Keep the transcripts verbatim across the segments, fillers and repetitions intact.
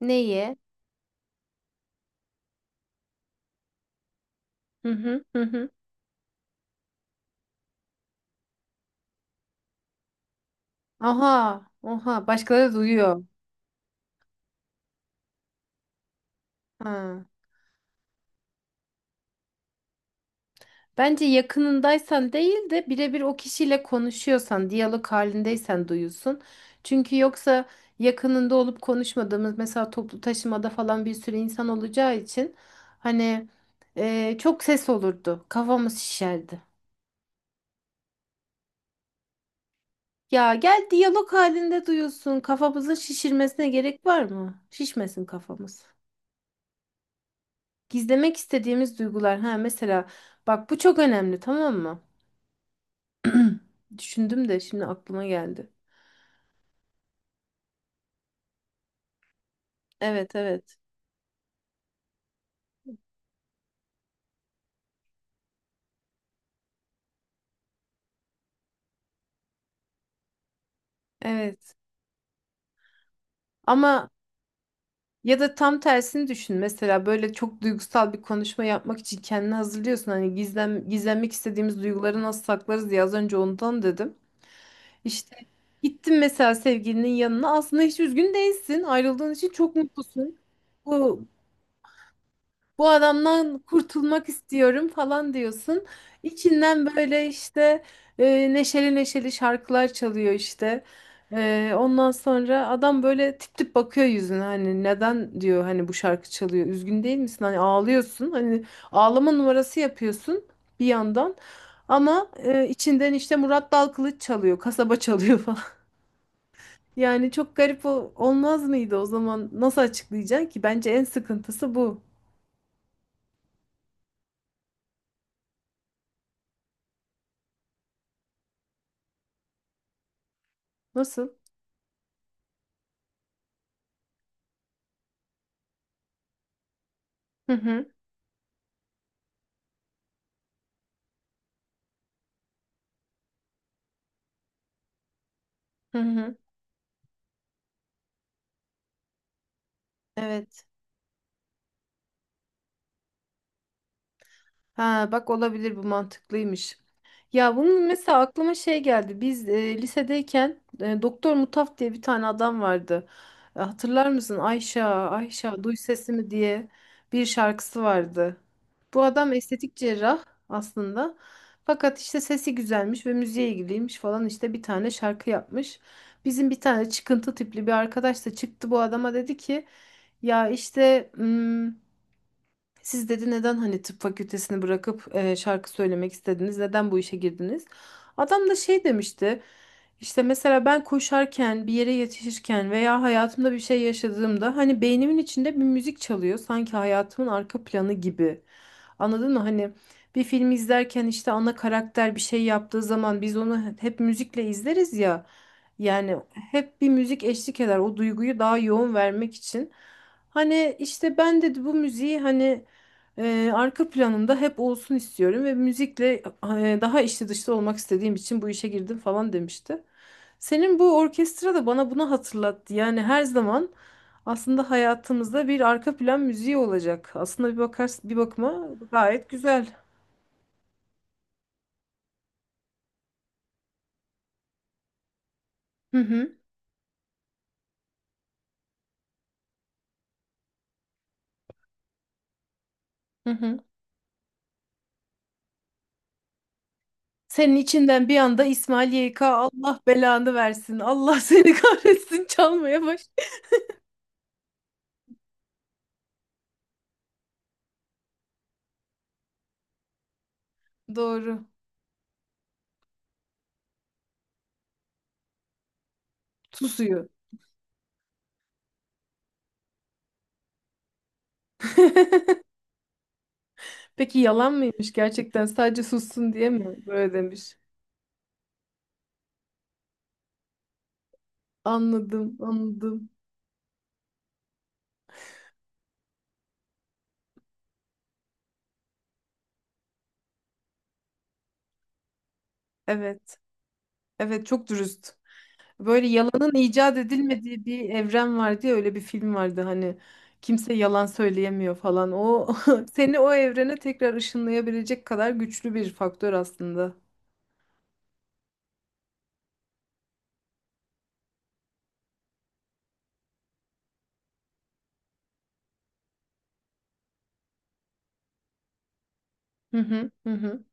Neyi? Hı hı hı hı. Aha, oha başkaları duyuyor. Ha. Bence yakınındaysan değil de birebir o kişiyle konuşuyorsan, diyalog halindeysen duyuyorsun. Çünkü yoksa yakınında olup konuşmadığımız mesela toplu taşımada falan bir sürü insan olacağı için hani e, çok ses olurdu. Kafamız şişerdi. Ya gel diyalog halinde duyuyorsun. Kafamızın şişirmesine gerek var mı? Şişmesin kafamız. Gizlemek istediğimiz duygular. Ha mesela bak bu çok önemli tamam mı? Düşündüm de şimdi aklıma geldi. Evet, evet. Evet. Ama ya da tam tersini düşün. Mesela böyle çok duygusal bir konuşma yapmak için kendini hazırlıyorsun. Hani gizlen, gizlenmek istediğimiz duyguları nasıl saklarız diye az önce ondan dedim. İşte gittin mesela sevgilinin yanına. Aslında hiç üzgün değilsin. Ayrıldığın için çok mutlusun. Bu bu adamdan kurtulmak istiyorum falan diyorsun. İçinden böyle işte e, neşeli neşeli şarkılar çalıyor işte. E, ondan sonra adam böyle tip tip bakıyor yüzüne hani neden diyor hani bu şarkı çalıyor üzgün değil misin hani ağlıyorsun hani ağlama numarası yapıyorsun bir yandan ama e, içinden işte Murat Dalkılıç çalıyor kasaba çalıyor falan. Yani çok garip o, olmaz mıydı o zaman nasıl açıklayacaksın ki bence en sıkıntısı bu. Nasıl? Hı hı. Hı hı. Evet. Ha bak olabilir bu mantıklıymış. Ya bunun mesela aklıma şey geldi. Biz e, lisedeyken e, Doktor Mutaf diye bir tane adam vardı. E, hatırlar mısın? Ayşe, Ayşe duy sesimi diye bir şarkısı vardı. Bu adam estetik cerrah aslında. Fakat işte sesi güzelmiş ve müziğe ilgiliymiş falan işte bir tane şarkı yapmış. Bizim bir tane çıkıntı tipli bir arkadaş da çıktı bu adama dedi ki ya işte Siz dedi neden hani tıp fakültesini bırakıp e, şarkı söylemek istediniz? Neden bu işe girdiniz? Adam da şey demişti. İşte mesela ben koşarken, bir yere yetişirken veya hayatımda bir şey yaşadığımda hani beynimin içinde bir müzik çalıyor. Sanki hayatımın arka planı gibi. Anladın mı? Hani bir film izlerken işte ana karakter bir şey yaptığı zaman biz onu hep müzikle izleriz ya. Yani hep bir müzik eşlik eder o duyguyu daha yoğun vermek için. Hani işte ben dedi bu müziği hani Eee, arka planında hep olsun istiyorum ve müzikle eee, daha içli dışlı olmak istediğim için bu işe girdim falan demişti. Senin bu orkestra da bana bunu hatırlattı. Yani her zaman aslında hayatımızda bir arka plan müziği olacak. Aslında bir bakarsın bir bakıma gayet güzel. Hı hı, hı hı. Senin içinden bir anda İsmail Y K Allah belanı versin. Allah seni kahretsin çalmaya baş. Doğru. Susuyor. Peki yalan mıymış gerçekten sadece sussun diye mi böyle demiş? Anladım, anladım. Evet, evet çok dürüst. Böyle yalanın icat edilmediği bir evren vardı ya, öyle bir film vardı hani kimse yalan söyleyemiyor falan. O seni o evrene tekrar ışınlayabilecek kadar güçlü bir faktör aslında. Hı hı, hı hı.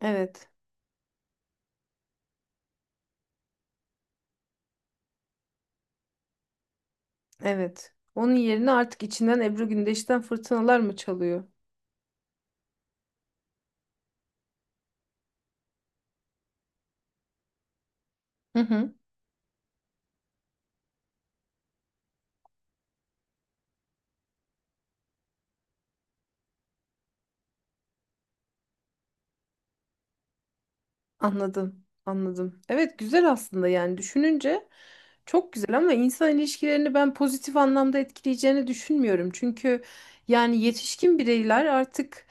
Evet, evet. Onun yerine artık içinden Ebru Gündeş'ten fırtınalar mı çalıyor? Hı hı. Anladım, anladım. Evet güzel aslında yani düşününce çok güzel ama insan ilişkilerini ben pozitif anlamda etkileyeceğini düşünmüyorum. Çünkü yani yetişkin bireyler artık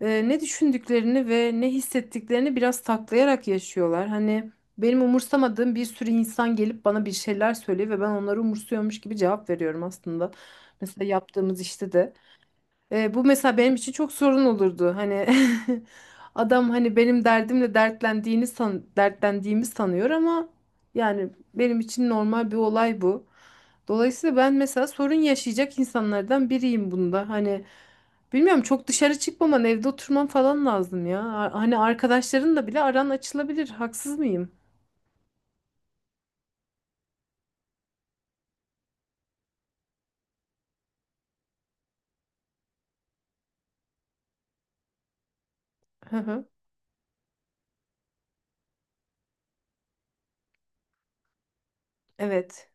e, ne düşündüklerini ve ne hissettiklerini biraz taklayarak yaşıyorlar. Hani benim umursamadığım bir sürü insan gelip bana bir şeyler söylüyor ve ben onları umursuyormuş gibi cevap veriyorum aslında. Mesela yaptığımız işte de. E, bu mesela benim için çok sorun olurdu. Hani adam hani benim derdimle dertlendiğini san dertlendiğimi sanıyor ama yani benim için normal bir olay bu. Dolayısıyla ben mesela sorun yaşayacak insanlardan biriyim bunda. Hani bilmiyorum çok dışarı çıkmaman, evde oturman falan lazım ya. Ar- Hani arkadaşların da bile aran açılabilir. Haksız mıyım? Hı hı. Evet.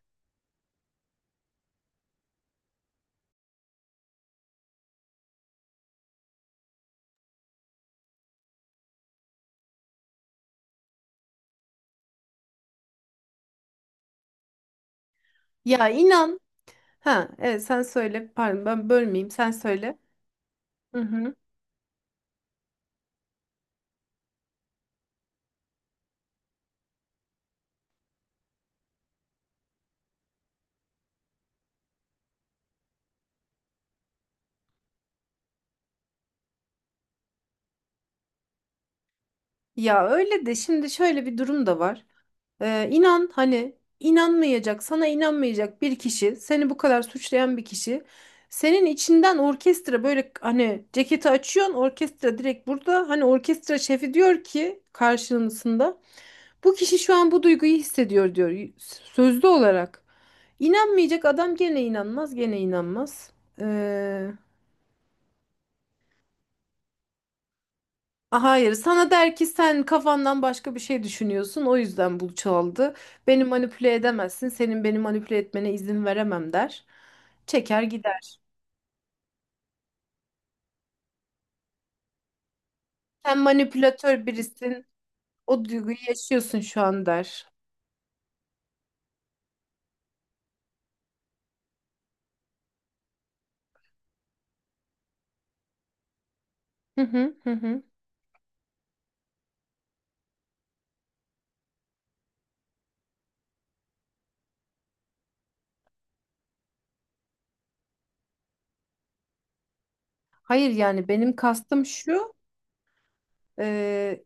Ya inan. Ha, evet sen söyle. Pardon ben bölmeyeyim. Sen söyle. Hı hı. Ya öyle de şimdi şöyle bir durum da var. Ee, inan hani inanmayacak, sana inanmayacak bir kişi, seni bu kadar suçlayan bir kişi, senin içinden orkestra böyle hani ceketi açıyorsun, orkestra direkt burada. Hani orkestra şefi diyor ki karşılığında bu kişi şu an bu duyguyu hissediyor diyor y- sözlü olarak. İnanmayacak adam gene inanmaz, gene inanmaz. Ah, hayır, sana der ki sen kafandan başka bir şey düşünüyorsun, o yüzden bu çaldı. Beni manipüle edemezsin, senin beni manipüle etmene izin veremem der. Çeker gider. Sen manipülatör birisin, o duyguyu yaşıyorsun şu an der. Hı hı hı hı. Hayır yani benim kastım şu, e,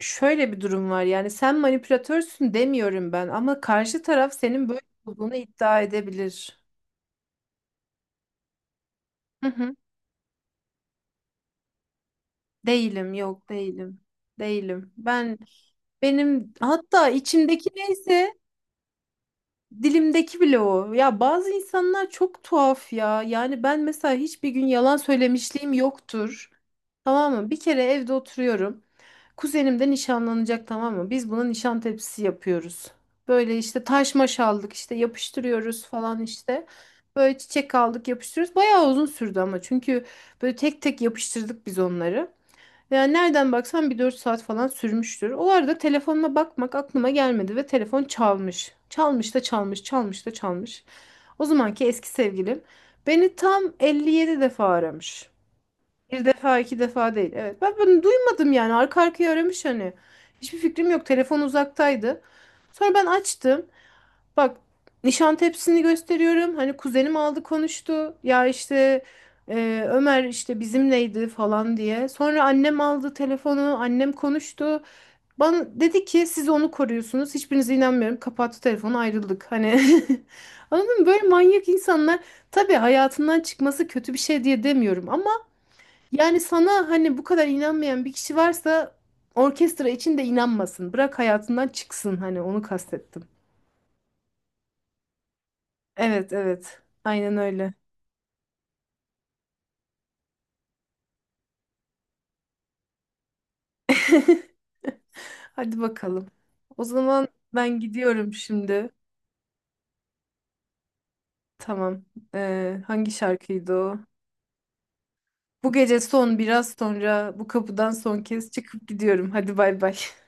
şöyle bir durum var yani sen manipülatörsün demiyorum ben ama karşı taraf senin böyle olduğunu iddia edebilir. Değilim, yok değilim. Değilim. Ben benim hatta içimdeki neyse dilimdeki bile o. Ya bazı insanlar çok tuhaf ya. Yani ben mesela hiçbir gün yalan söylemişliğim yoktur. Tamam mı? Bir kere evde oturuyorum. Kuzenim de nişanlanacak tamam mı? Biz buna nişan tepsisi yapıyoruz. Böyle işte taş maş aldık işte yapıştırıyoruz falan işte. Böyle çiçek aldık yapıştırıyoruz. Bayağı uzun sürdü ama çünkü böyle tek tek yapıştırdık biz onları. Yani nereden baksan bir dört saat falan sürmüştür. O arada telefonuma bakmak aklıma gelmedi ve telefon çalmış. Çalmış da çalmış, çalmış da çalmış. O zamanki eski sevgilim beni tam elli yedi defa aramış. Bir defa, iki defa değil. Evet. Ben bunu duymadım yani. Arka arkaya aramış hani. Hiçbir fikrim yok. Telefon uzaktaydı. Sonra ben açtım. Bak Nişantepsi'ni gösteriyorum. Hani kuzenim aldı konuştu. Ya işte e, Ömer işte bizimleydi falan diye. Sonra annem aldı telefonu. Annem konuştu. Bana dedi ki siz onu koruyorsunuz. Hiçbirinize inanmıyorum. Kapattı telefonu ayrıldık. Hani anladın mı? Böyle manyak insanlar tabii hayatından çıkması kötü bir şey diye demiyorum. Ama yani sana hani bu kadar inanmayan bir kişi varsa orkestra için de inanmasın. Bırak hayatından çıksın. Hani onu kastettim. Evet evet. Aynen öyle. Hadi bakalım. O zaman ben gidiyorum şimdi. Tamam. Ee, hangi şarkıydı o? Bu gece son biraz sonra bu kapıdan son kez çıkıp gidiyorum. Hadi bay bay.